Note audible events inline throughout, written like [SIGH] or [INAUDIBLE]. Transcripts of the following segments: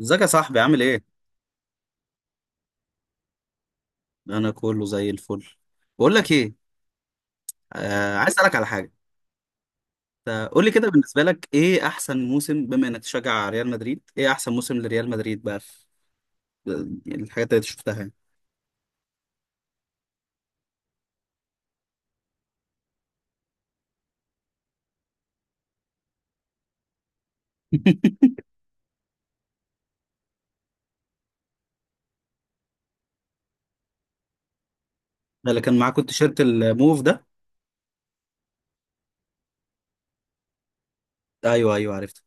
ازيك يا صاحبي عامل ايه؟ انا كله زي الفل. بقول لك ايه. آه عايز اسالك على حاجه. قول لي كده بالنسبه لك ايه احسن موسم بما انك تشجع ريال مدريد ايه احسن موسم لريال مدريد بقى في؟ يعني الحاجات اللي شفتها يعني. [LAUGHS] ده اللي كان معاكوا التيشيرت الموف ده؟ ايوه ايوه عرفته.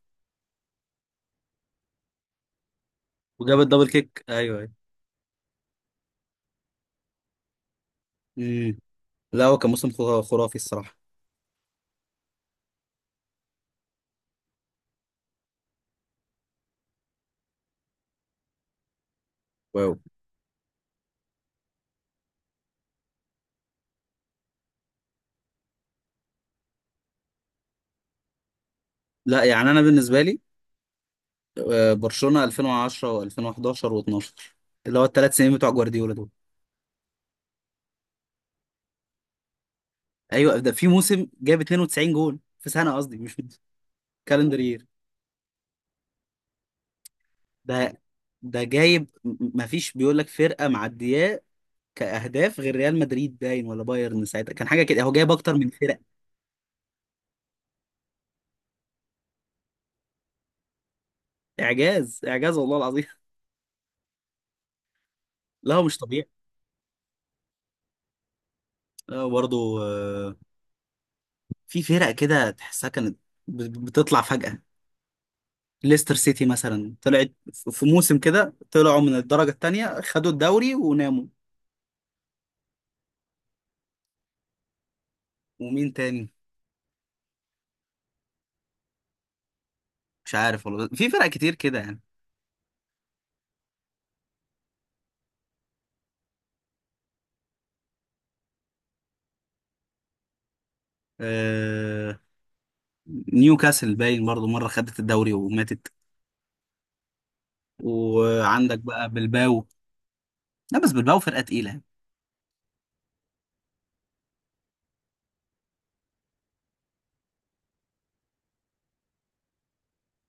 وجاب الدبل كيك ايوه ايوه. امم لا هو كان موسم خرافي الصراحه. واو. لا يعني انا بالنسبه لي، برشلونه 2010 و2011 و12، اللي هو الثلاث سنين بتوع جوارديولا دول. ايوه، ده في موسم جايب 92 جول في سنه، قصدي مش في كالندر يير. ده ده جايب، ما فيش بيقول لك فرقه معدياه كاهداف غير ريال مدريد، باين ولا بايرن ساعتها، كان حاجه كده هو جايب اكتر من فرق. اعجاز اعجاز والله العظيم. [LAUGHS] لا هو مش طبيعي. لا برضه، في فرق كده تحسها كانت بتطلع فجاه. ليستر سيتي مثلا طلعت، في موسم كده طلعوا من الدرجه الثانيه، خدوا الدوري وناموا. ومين تاني؟ مش عارف والله، في فرق كتير كده يعني. آه، نيوكاسل باين برضو، مرة خدت الدوري وماتت. وعندك بقى بلباو. لا بس بلباو فرقة تقيلة يعني.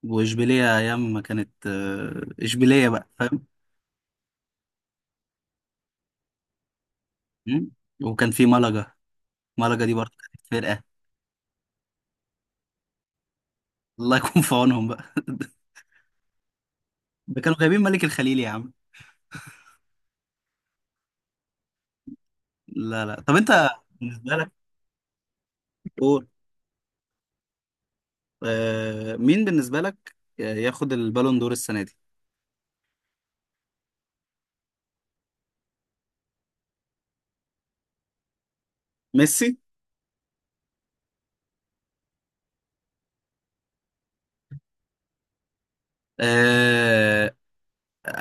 وإشبيلية أيام ما كانت إشبيلية بقى، فاهم. مم؟ وكان في ملقا، ملقا دي برضو كانت فرقة. الله يكون في عونهم بقى. [LAUGHS] ده كانوا جايبين ملك الخليل يا عم. لا لا، طب أنت بالنسبة لك؟ قول. مين بالنسبة لك ياخد البالون دور السنة دي؟ ميسي. آه.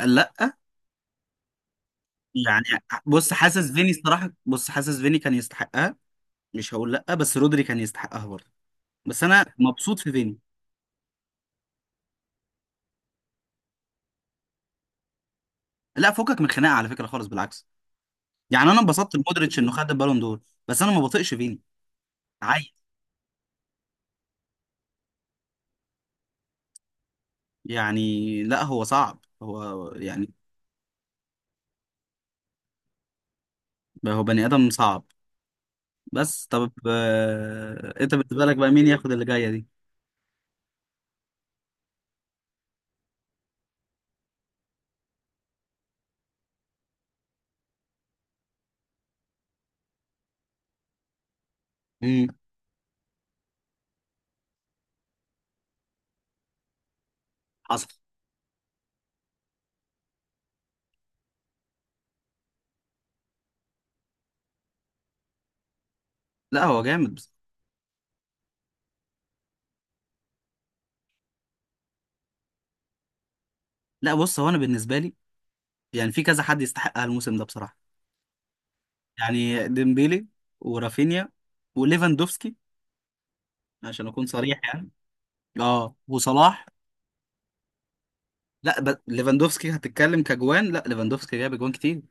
لا يعني، بص حاسس فيني الصراحة، بص حاسس فيني كان يستحقها. مش هقول لا، بس رودري كان يستحقها برضه. بس انا مبسوط في فيني. لا فكك من الخناقه على فكره خالص، بالعكس. يعني انا انبسطت لمودريتش انه خد البالون دور. بس انا ما بطيقش فيني. عيل. يعني لا، هو صعب هو يعني. هو بني ادم صعب. بس طب، انت بالنسبه لك بقى مين ياخد اللي جايه دي؟ امم حصل. لا هو جامد بس. لا بص، هو انا بالنسبه لي يعني في كذا حد يستحقها الموسم ده بصراحه، يعني ديمبيلي ورافينيا وليفاندوفسكي، عشان اكون صريح يعني. اه وصلاح. لا ليفاندوفسكي هتتكلم كجوان، لا ليفاندوفسكي جاب جوان كتير،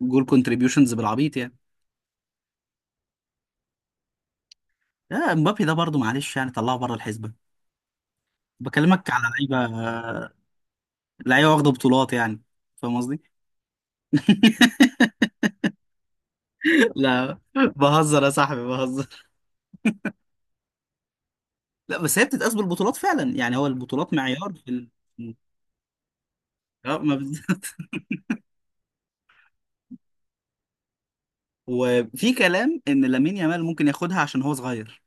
جول كونتريبيوشنز بالعبيط يعني. لا مبابي ده برضه معلش، يعني طلعه بره الحسبه. بكلمك على لعيبه، لعيبه واخده بطولات يعني. فاهم قصدي؟ [LAUGHS] لا بهزر يا صاحبي، بهزر. لا بس هي بتتقاس بالبطولات فعلا يعني، هو البطولات معيار في ال... [LAUGHS] اه ما بالظبط. وفي كلام ان لامين يامال ممكن ياخدها عشان هو صغير،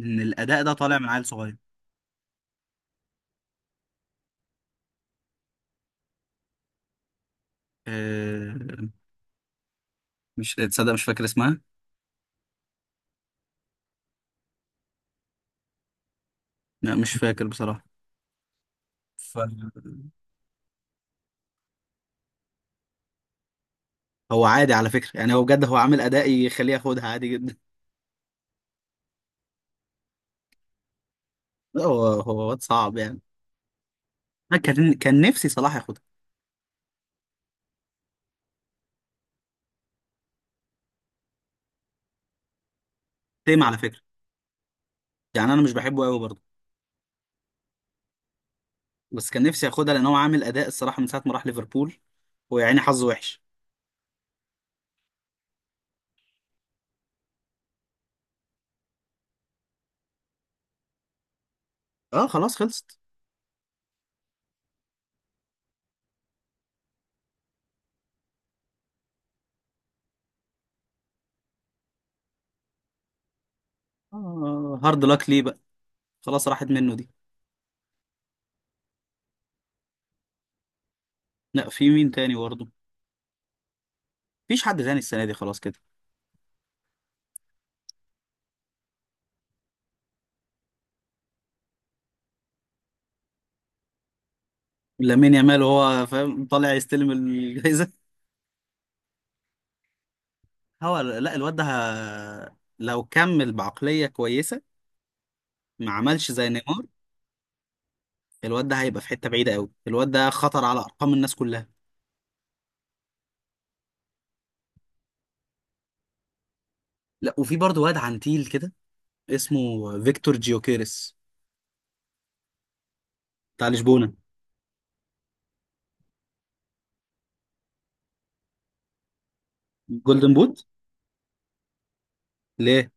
ان الاداء ده طالع من عيل صغير. أه... مش تصدق مش فاكر اسمها. لا مش فاكر بصراحه، فهو. عادي على فكرة يعني، هو بجد هو عامل أداء يخليه ياخدها عادي جدا. [LAUGHS] لا، هو واد صعب يعني. أنا كان نفسي صلاح ياخدها. تيم على فكرة، يعني أنا مش بحبه قوي برضه. بس كان نفسي ياخدها لأن هو عامل أداء الصراحة من ساعة ما راح ليفربول، ويا عيني حظه وحش. أه خلاص خلصت. آه هارد لاك ليه بقى، خلاص راحت منه دي. لا في مين تاني برضه؟ مفيش حد تاني السنة دي خلاص كده. لامين يامال وهو فاهم طالع يستلم الجايزة. [LAUGHS] هو لا، الواد ده، لو كمل بعقلية كويسة، ما عملش زي نيمار، الواد ده هيبقى في حته بعيده قوي. الواد ده خطر على ارقام الناس كلها. لا وفي برضه واد عنتيل كده، اسمه فيكتور جيوكيرس، بتاع لشبونه. جولدن بوت. ليه؟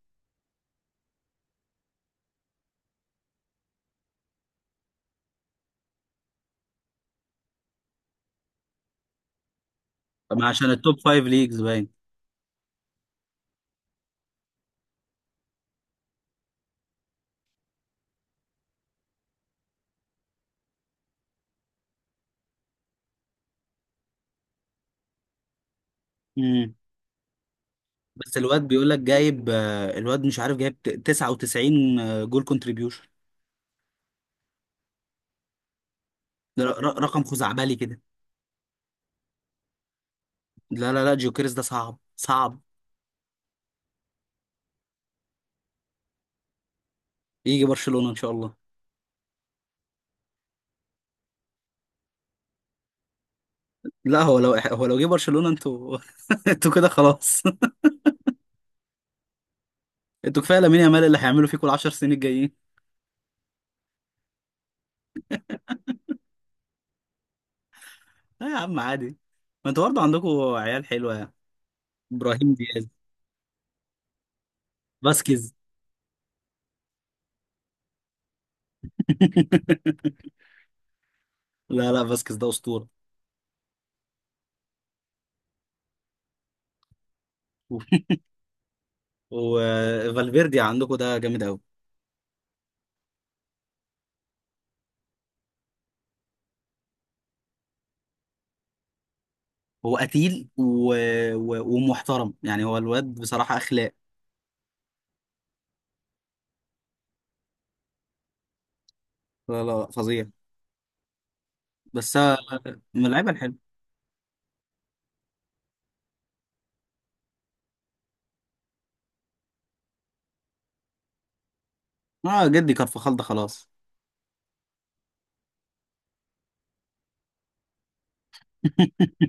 ما عشان التوب فايف ليجز باين. امم. بس الواد بيقول لك جايب، الواد مش عارف جايب 99، جول كونتريبيوشن. ده رقم خزعبلي كده. لا لا لا جيوكيرس ده صعب صعب. يجي برشلونه ان شاء الله. لا، هو لو جه برشلونه انتوا، [LAUGHS] انتوا كده خلاص. [LAUGHS] انتوا كفايه لامين يامال اللي هيعملوا فيكم ال 10 سنين الجايين. لا يا عم عادي، ما انتوا برضه عندكم عيال حلوه يعني. ابراهيم دياز. فاسكيز. [LAUGHS] لا لا فاسكيز ده اسطوره. [LAUGHS] وفالفيردي عندكم ده جامد قوي. هو قتيل ومحترم يعني، هو الواد بصراحه اخلاق. لا لا لا، فظيع. بس من اللعيبه الحلوه. اه جدي كارفخال ده خلاص. [LAUGHS]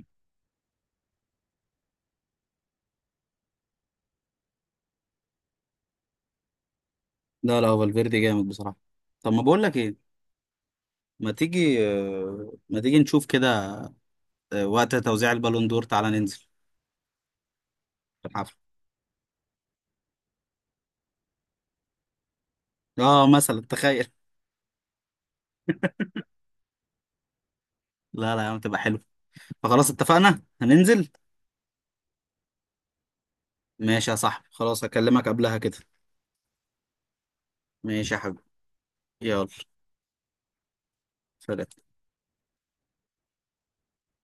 لا لا هو فالفيردي جامد بصراحة. طب ما بقول لك ايه، ما تيجي نشوف كده. وقت توزيع البالون دور تعالى ننزل في الحفلة. اه مثلا تخيل. لا لا يا عم تبقى حلو. فخلاص اتفقنا هننزل. ماشي يا صاحبي خلاص، هكلمك قبلها كده. ماشي يا حبيبي. يلا. سلام.